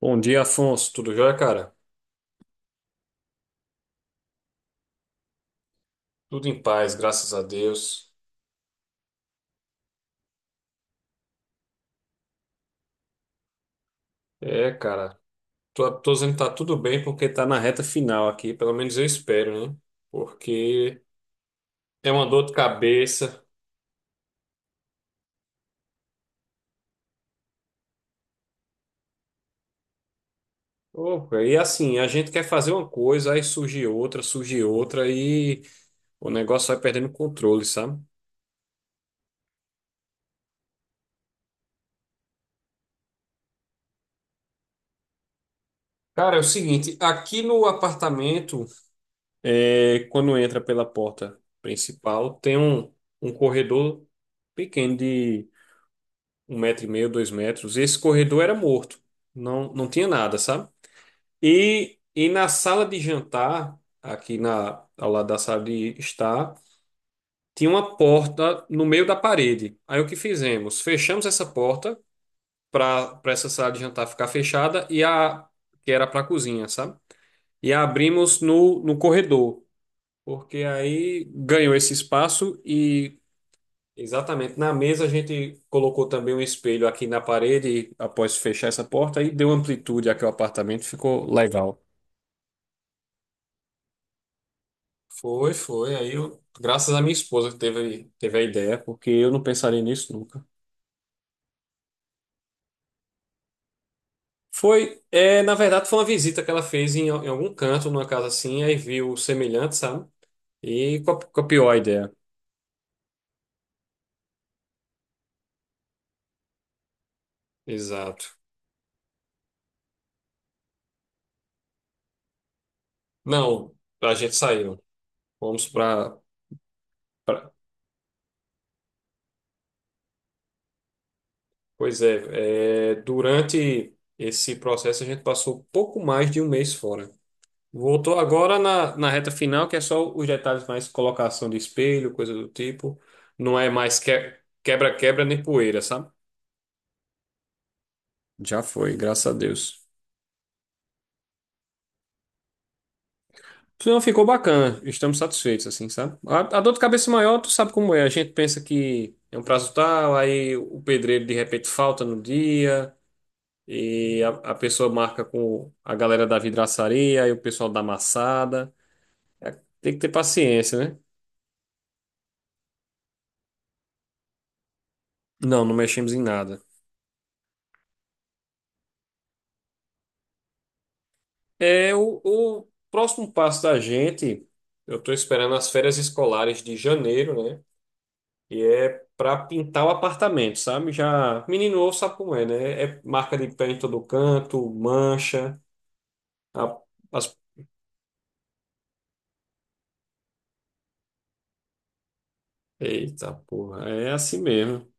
Bom dia, Afonso. Tudo jóia, cara? Tudo em paz, graças a Deus. É, cara, tô dizendo que tá tudo bem porque tá na reta final aqui, pelo menos eu espero, né? Porque é uma dor de cabeça. Ô, cara, e assim, a gente quer fazer uma coisa, aí surge outra e o negócio vai perdendo controle, sabe? Cara, é o seguinte, aqui no apartamento, é, quando entra pela porta principal, tem um corredor pequeno, 1,5 metro, 2 metros. Esse corredor era morto, não tinha nada, sabe? E na sala de jantar, aqui ao lado da sala de estar, tinha uma porta no meio da parede. Aí o que fizemos? Fechamos essa porta para essa sala de jantar ficar fechada e a que era para a cozinha, sabe? E a abrimos no corredor, porque aí ganhou esse espaço. E exatamente, na mesa a gente colocou também um espelho aqui na parede e após fechar essa porta aí deu amplitude aqui ao apartamento, ficou legal. Foi, foi. Aí eu, graças à minha esposa que teve a ideia, porque eu não pensaria nisso nunca. Foi, é, na verdade foi uma visita que ela fez em algum canto, numa casa assim, aí viu o semelhante, sabe? E copiou a ideia. Exato. Não, a gente saiu. Fomos para, pois é, é, durante esse processo a gente passou pouco mais de um mês fora. Voltou agora na reta final, que é só os detalhes mais colocação de espelho, coisa do tipo. Não é mais que- quebra-quebra nem poeira, sabe? Já foi, graças a Deus. Não, ficou bacana, estamos satisfeitos, assim, sabe? A dor de cabeça é maior, tu sabe como é. A gente pensa que é um prazo tal, aí o pedreiro de repente falta no dia. E a pessoa marca com a galera da vidraçaria e o pessoal da amassada. Tem que ter paciência, né? Não, não mexemos em nada. É o próximo passo da gente. Eu estou esperando as férias escolares de janeiro, né? E é para pintar o apartamento, sabe? Já menino ou sabe como é, né? É marca de pé em todo canto, mancha. a- as... Eita porra, é assim mesmo.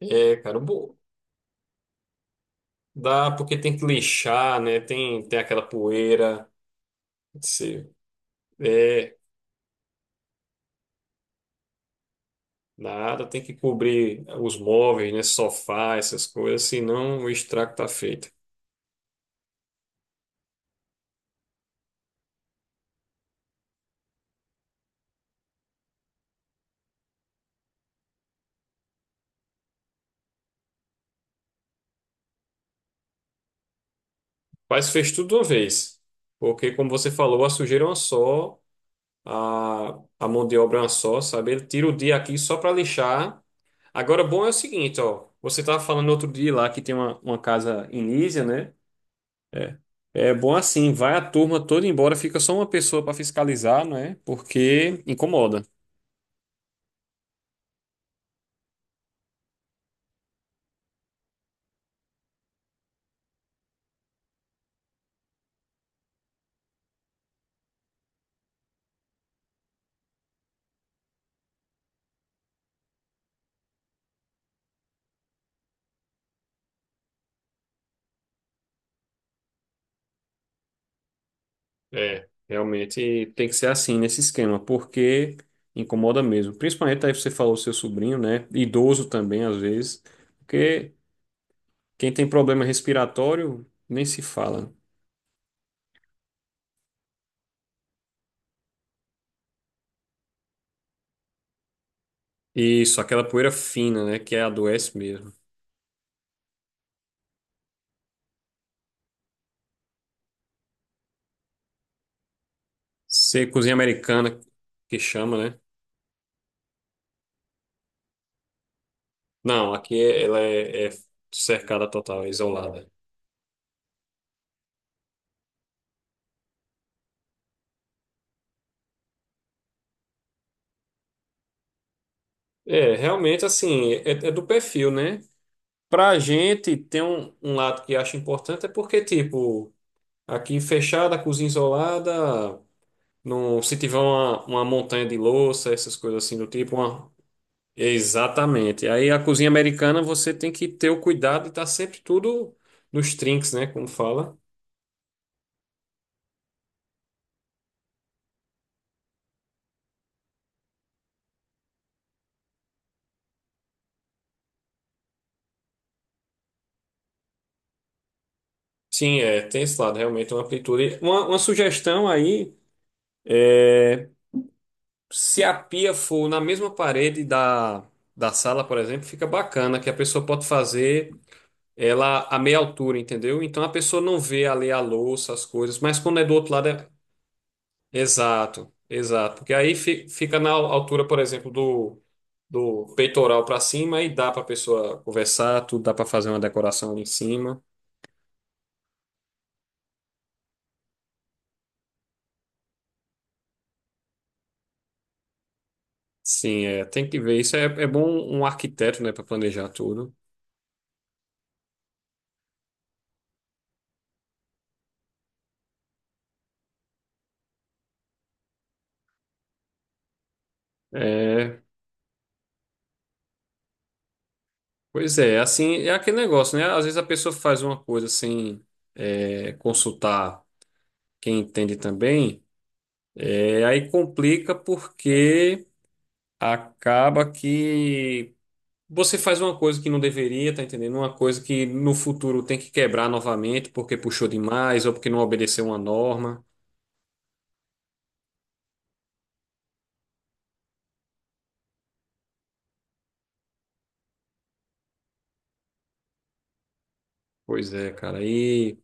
É, cara, dá porque tem que lixar, né? Tem aquela poeira. Você, é, nada, tem que cobrir os móveis, né? Sofá, essas coisas, senão o estrago tá feito. Mas fez tudo de uma vez, porque, como você falou, a sujeira é uma só, a mão de obra é uma só, sabe? Ele tira o dia aqui só para lixar. Agora, bom é o seguinte, ó. Você tava falando outro dia lá que tem uma casa em Nísia, né? É. É bom assim, vai a turma toda embora, fica só uma pessoa para fiscalizar, não é? Porque incomoda. É, realmente tem que ser assim nesse esquema, porque incomoda mesmo. Principalmente aí você falou seu sobrinho, né? Idoso também, às vezes, porque quem tem problema respiratório nem se fala. Isso, aquela poeira fina, né? Que é adoece mesmo. Você, cozinha americana, que chama, né? Não, aqui é, ela é, é cercada total, é isolada. É, realmente, assim, é, é do perfil, né? Pra gente, tem um lado que acho importante, é porque, tipo, aqui fechada, cozinha isolada, no, se tiver uma montanha de louça, essas coisas assim do tipo, uma. Exatamente. Aí a cozinha americana você tem que ter o cuidado de estar sempre tudo nos trinques, né? Como fala. Sim, é, tem esse lado, realmente uma amplitude. Uma sugestão aí é se a pia for na mesma parede da sala, por exemplo, fica bacana, que a pessoa pode fazer ela a meia altura, entendeu? Então a pessoa não vê ali a louça, as coisas, mas quando é do outro lado é exato, exato. Porque aí fica na altura, por exemplo, do peitoral para cima e dá para a pessoa conversar, tudo dá para fazer uma decoração ali em cima. Sim, é, tem que ver. Isso é, é bom um arquiteto, né, para planejar tudo. É, pois é, assim, é aquele negócio, né? Às vezes a pessoa faz uma coisa sem, é, consultar quem entende também, é, aí complica porque acaba que você faz uma coisa que não deveria, tá entendendo? Uma coisa que no futuro tem que quebrar novamente porque puxou demais ou porque não obedeceu uma norma. Pois é, cara. E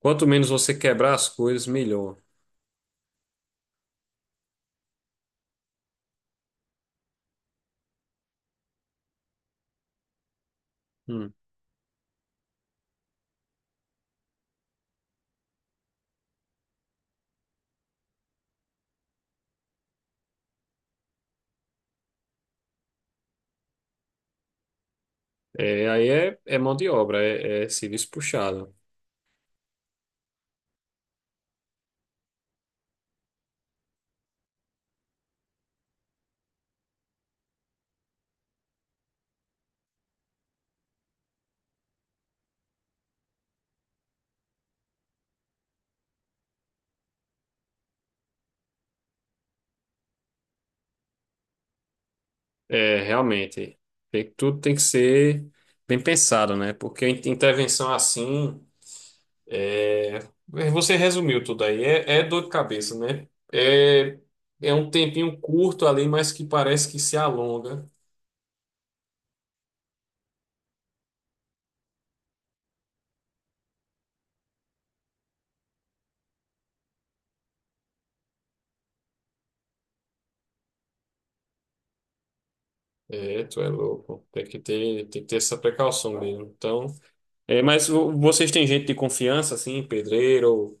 quanto menos você quebrar as coisas, melhor. Hum. É, aí é, é mão de obra, é, é serviço puxado. É, realmente. Tudo tem que ser bem pensado, né? Porque intervenção assim. É, você resumiu tudo aí. É, é dor de cabeça, né? É, é um tempinho curto ali, mas que parece que se alonga. É, tu é louco. Tem que ter essa precaução mesmo. Então, é, mas vocês têm gente de confiança, assim, pedreiro?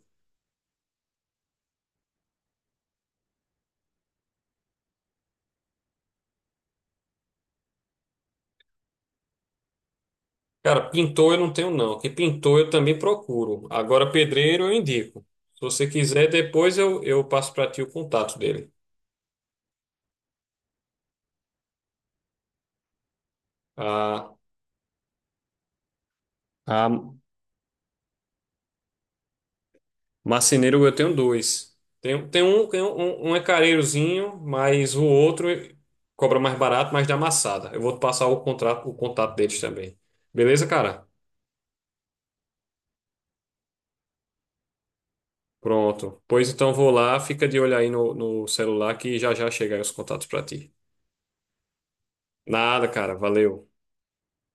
Cara, pintor eu não tenho não, que pintor eu também procuro. Agora pedreiro eu indico. Se você quiser, depois eu passo para ti o contato dele. A, a marceneiro eu tenho dois. Tem um é careirozinho, mas o outro cobra mais barato, mas dá amassada. Eu vou te passar o contrato, o contato deles também. Beleza, cara? Pronto. Pois então vou lá, fica de olho aí no celular que já já chega aí os contatos para ti. Nada, cara, valeu.